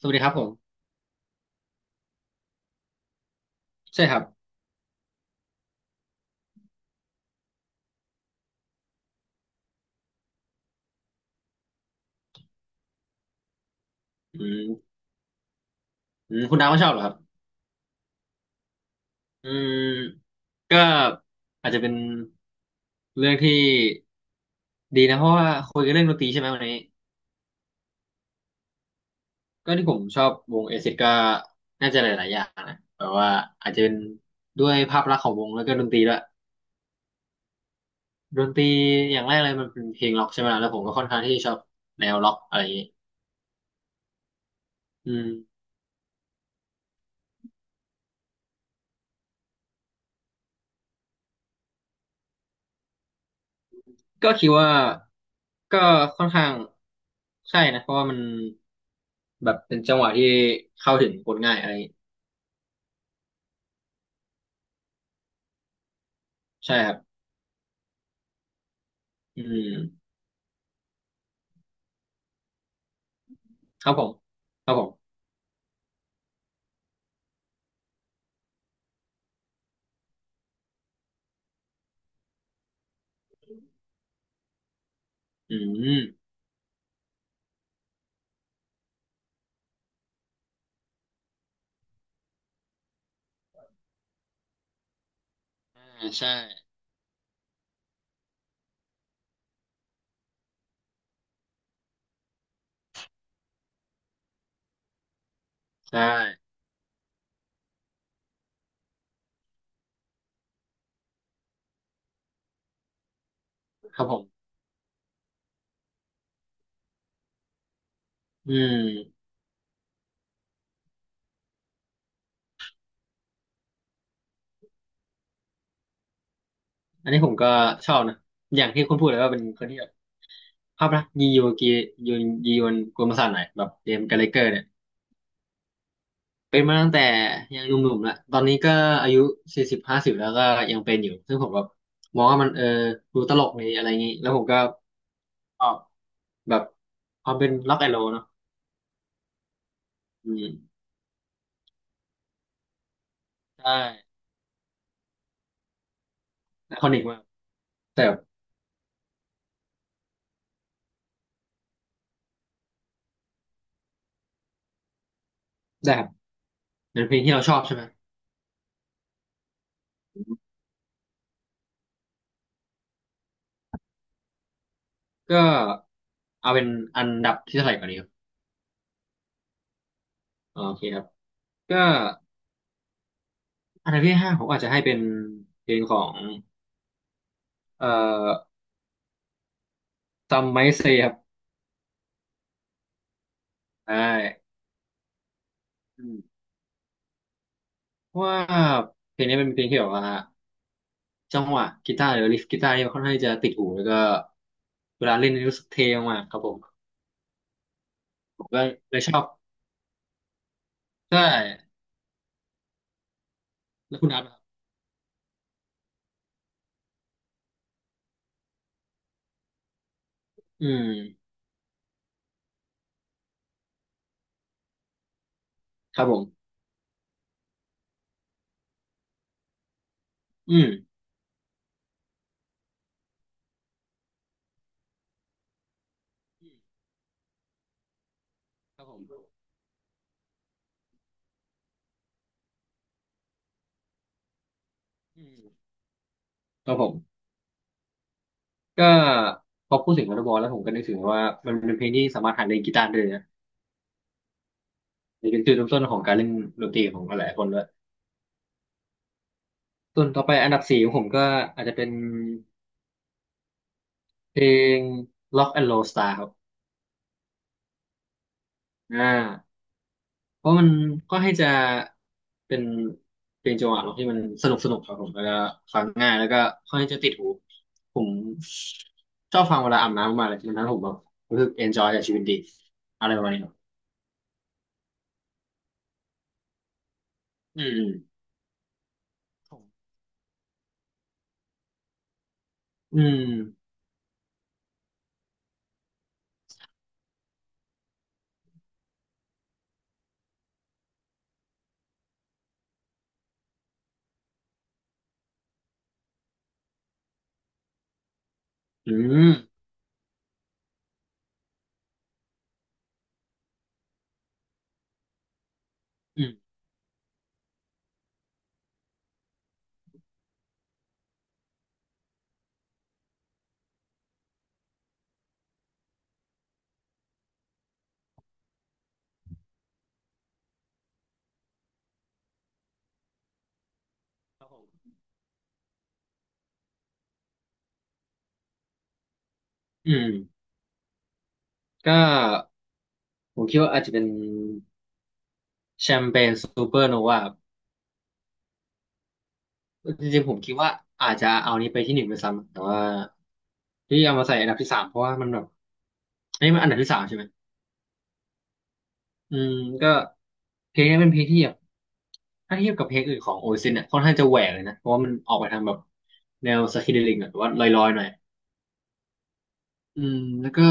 สวัสดีครับผมใช่ครับอืมอืมคุณดาวก็ชอบเหรอครับอืมก็อาจจะเป็นเรื่องที่ดีนะเพราะว่าคุยกันเรื่องดนตรีใช่ไหมวันนี้ก็ที่ผมชอบวงเอซิดก็น่าจะหลายๆอย่างนะแบบว่าอาจจะเป็นด้วยภาพลักษณ์ของวงแล้วก็ดนตรีด้วยดนตรีอย่างแรกเลยมันเป็นเพลงร็อกใช่ไหมล่ะแล้วผมก็ค่อนข้างที่ชอบแนวร็อกอะไรอย่างนี้อืมก็คิดว่าก็ค่อนข้างใช่นะเพราะว่ามัน แบบเป็นจังหวะที่เข้าถึงคนง่ายอะไรอย่างงี้ใช่ครับอืมครับผมครับผมอืมอ่าใช่ใช่ครับผมอืมอันนี้ผมก็ชอบนะอย่างที่คุณพูดเลยว่าเป็นคนที่แบบภาพลักษณ์ยีโยกียนยียวนกุลประสาทหน่อยแบบเจมส์กัเลเกอร์เนี่ยเป็นมาตั้งแต่ยังหนุ่มๆแลวตอนนี้ก็อายุ40-50แล้วก็ยังเป็นอยู่ซึ่งผมแบบมองว่ามันดูตลกดีอะไรอย่างนี้แล้วผมก็ชอบแบบความเป็นล็อกแอนด์โรลเนาะอืมใช่ ไอคอนิกมากแต่ได้ครับเป็นเพลงที่เราชอบใช่ไหมก็เอาเป็นอันดับที่เท่าไหร่ก่อนดีครับอ๋อโอเคครับก็อันดับที่ห้าผมอาจจะให้เป็นเพลงของเอ่อ Some Might Say ครับใช่อืมเพราะว่าเพลงนี้เป็นเพลงที่แบบว่าจังหวะกีตาร์หรือลิฟกีตาร์นี่ค่อนข้างจะติดหูแล้วก็เวลาเล่นนี่รู้สึกเท่มากครับผมผมก็เลยชอบใช่แล้วคุณอาร์ตล่ะครับอืมครับผมอืมครับผมอืมครับผม ก็พอพูดถึงวอลเลย์บอลแล้วผมก็นึกถึงว่ามันเป็นเพลงที่สามารถหัดเล่นกีตาร์ได้เลยนะนี่เป็นจุดเริ่มต้นของการเล่นดนตรีของหลายๆคนด้วยส่วนต่อไปอันดับสี่ของผมก็อาจจะเป็นเพลง Rock and Roll Star ครับอ่าเพราะมันก็ให้จะเป็นเพลงจังหวะร็อกที่มันสนุกสนุกครับผมแล้วก็ฟังง่ายแล้วก็ค่อนข้างจะติดหูผมชอบฟังเวลาอาบน้ำมากเลยมันทำให้ผมแบบรู้สึก enjoy กับชีวิตดีอะไรประมาณนี้ครับอืมผมอืมอืมอืม ครับผมอืมก็ผมคิดว่าอาจจะเป็นแชมเปญซูเปอร์โนวาจริงๆผมคิดว่าอาจจะเอานี้ไปที่หนึ่งไปซ้ำแต่ว่าที่เอามาใส่อันดับที่สามเพราะว่ามันแบบอันนี้มันอันดับที่สามใช่ไหมอืมก็เพลงนี้เป็นเพลงที่แบบถ้าเทียบกับเพลงอื่นของโอซินเนี่ยค่อนข้างจะแหวกเลยนะเพราะว่ามันออกไปทางแบบแนวสคิเดลิงหรือว่าลอยๆหน่อยอืมแล้วก็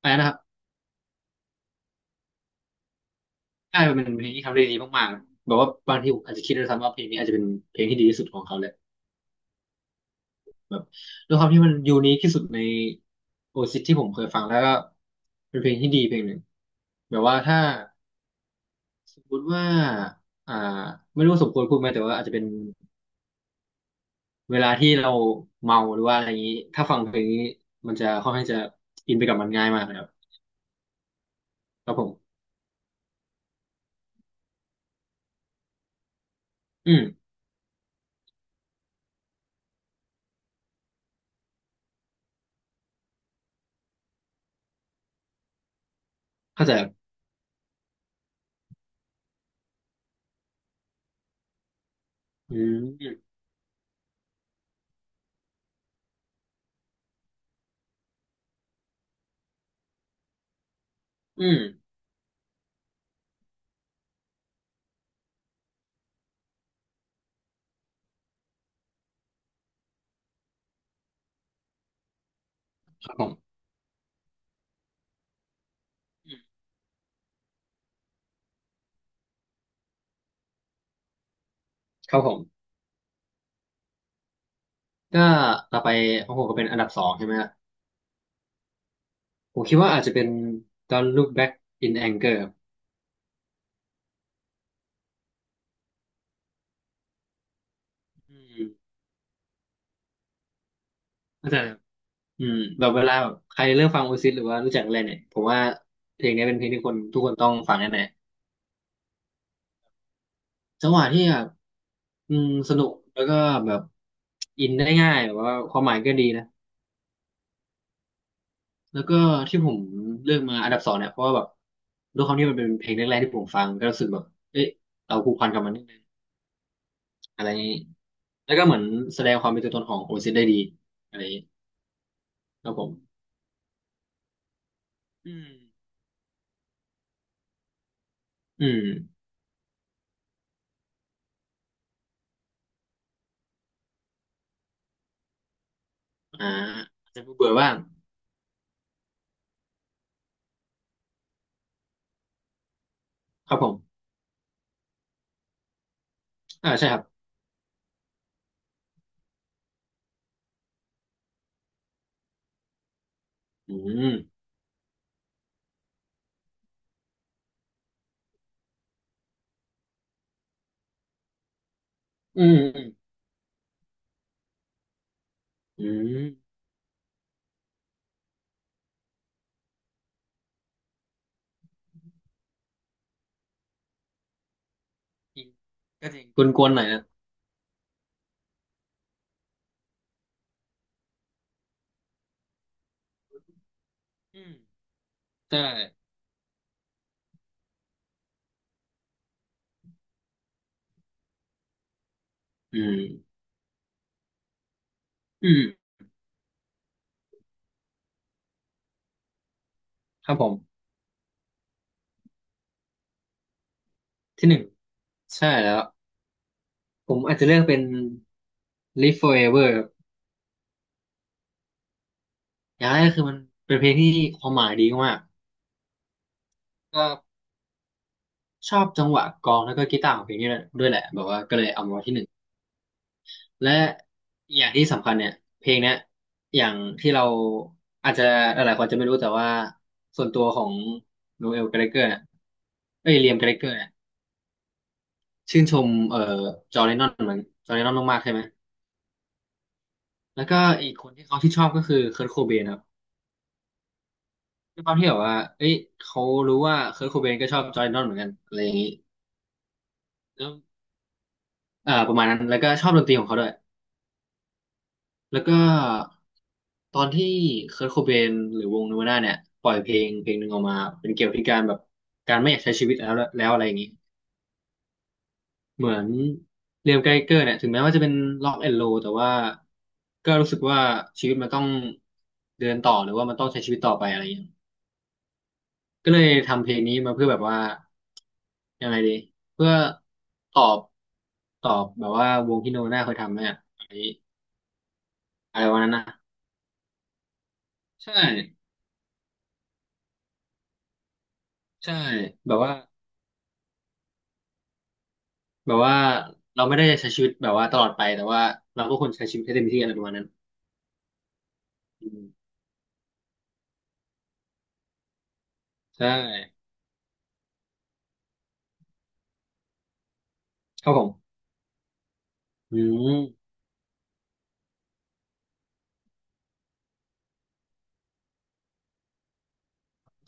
อะไรนะครับใช่มันเป็นเพลงที่ทำได้ดีมากๆแบบว่าบางทีผมอาจจะคิดด้วยซ้ำว่าเพลงนี้อาจจะเป็นเพลงที่ดีที่สุดของเขาเลย แบบด้วยความที่มันยูนิคที่สุดในโอซิสที่ผมเคยฟังแล้วก็เป็นเพลงที่ดีเพลงหนึ่งแบบว่าถ้าสมมติว่าอ่าไม่รู้สมควรพูดไหมแต่ว่าอาจจะเป็นเวลาที่เราเมาหรือว่าอะไรอย่างนี้ถ้าฟังเพลงนี้มันจะค่อนข้างจะอินไปกับมันง่ายมากนะครับครับผมอืมเข้าใจครับอืมอืมครับผมอืมครับผมก็ต่อไปของผมก็เป็นอันดับสองใช่ไหมฮะผมคิดว่าอาจจะเป็น Don't Look Back in Anger ครับอืมเข้าใจ อืมแบบเวลาแบบใครเริ่มฟังโอซิสหรือว่ารู้จักอะไรเนี่ยผมว่าเพลงนี้เป็นเพลงที่คนทุกคนต้องฟังแน่ๆจังหวะที่แบบอืมสนุกแล้วก็แบบอินได้ง่ายแบบว่าความหมายก็ดีนะแล้วก็ที่ผมเลือกมาอันดับสองเนี่ยเพราะว่าแบบด้วยความที่มันเป็นเพลงแรกๆที่ผมฟังก็รู้สึกแบบเอ๊ะเราผูกพันกับมันนิดนึงอะไรอย่างงี้แล้วก็เหมือนแสดงความเป็นตัวตนของโอซิสได้ดีอะไรอย่างงี้ครับผมอืมอืมอ่าอาจจะเบื่อบ้างครับผมอ่าใช่ครับอืม อืมอืมอืมก็จริงกวนๆหน่อยนะอืมใช่อืมอืมครับผมที่หนึ่งใช่แล้วผมอาจจะเลือกเป็น Live Forever ครับอย่างแรกคือมันเป็นเพลงที่ความหมายดีมากก็ชอบจังหวะกลองแล้วก็กีตาร์ของเพลงนี้ด้วยแหละแบบว่าก็เลยเอามาไว้ที่หนึ่งและอย่างที่สำคัญเนี่ยเพลงเนี้ยอย่างที่เราอาจจะหลายๆคนจะไม่รู้แต่ว่าส่วนตัวของโนเอลแกรเลเกอร์เนี่ยเอ้ยเลียมแกรเลเกอร์เนี่ย ชื่นชมจอร์แดนนอนเหมือนจอร์แดนนอนมากๆใช่ไหมแล้วก็อีกคนที่เขาที่ชอบก็คือเคิร์ทโคเบนครับด้วยความที่แบบว่าเอ้ยเขารู้ว่าเคิร์โคเบนก็ชอบจอร์แดนนอนเหมือนกันอะไรอย่างนี้แล้วประมาณนั้นแล้วก็ชอบดนตรีของเขาด้วยแล้วก็ตอนที่เคิร์ทโคเบนหรือวงเนวาน่าเนี่ยปล่อยเพลงเพลงหนึ่งออกมาเป็นเกี่ยวกับการแบบการไม่อยากใช้ชีวิตแล้วแล้วอะไรอย่างนี้ เหมือนเรียมไกเกอร์เนี่ยถึงแม้ว่าจะเป็นล็อกแอนด์โลแต่ว่าก็รู้สึกว่าชีวิตมันต้องเดินต่อหรือว่ามันต้องใช้ชีวิตต่อไปอะไรอย่างเงี้ยก็เลยทำเพลงนี้มาเพื่อแบบว่ายังไงดีเพื่อตอบตอบแบบว่าวงที่โนน่าเคยทำเนี่ยอะไรอะไรวันนั้นนะใช่ใช่แบบว่าแบบว่าเราไม่ได้ใช้ชีวิตแบบว่าตลอดไปแต่ว่าเราก็ควรใช้ชีวิตให้เต็มที่อะไรประมาณนั้นอืมใช่ครับผมอืม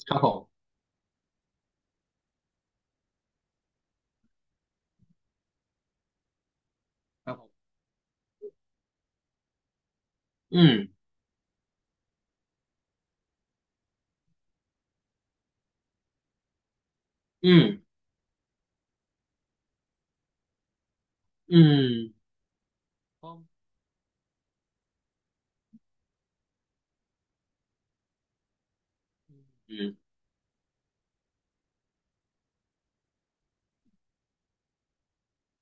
ครับผมครับผมอืม อืมอืมอืม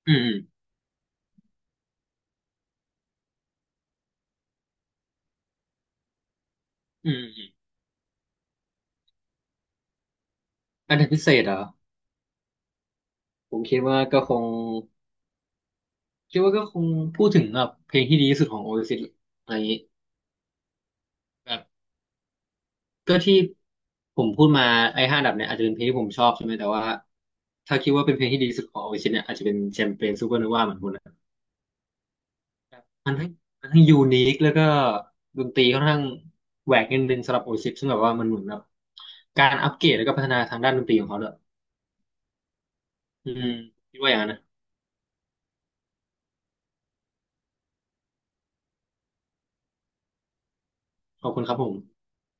อืม อืมอันดับพิเศษเหรอผมคิดว่าก็คงคิดว่าก็คงพูดถึงแบบเพลงที่ดีที่สุดของโอเอซิสอะไรอย่างนี้แบบก็ที่ผมพูดมาไอ้ห้าอันดับเนี่ยอาจจะเป็นเพลงที่ผมชอบใช่ไหมแต่ว่าถ้าคิดว่าเป็นเพลงที่ดีที่สุดของโอเอซิสเนี่ยอาจจะเป็นแชมเปญซูเปอร์โนวาเหมือนคุณนะแบบมันทั้งมันทั้งยูนิคแล้วก็ดนตรีค่อนข้างแหวกนิดนึงสำหรับโอเอซิสซึ่งแบบว่ามันเหมือนแบบการอัปเกรดแล้วก็พัฒนาทางด้านดนตรีของเขาเลยอืคมคิดว่าอย่างนั้นนะขอบคุณครับผม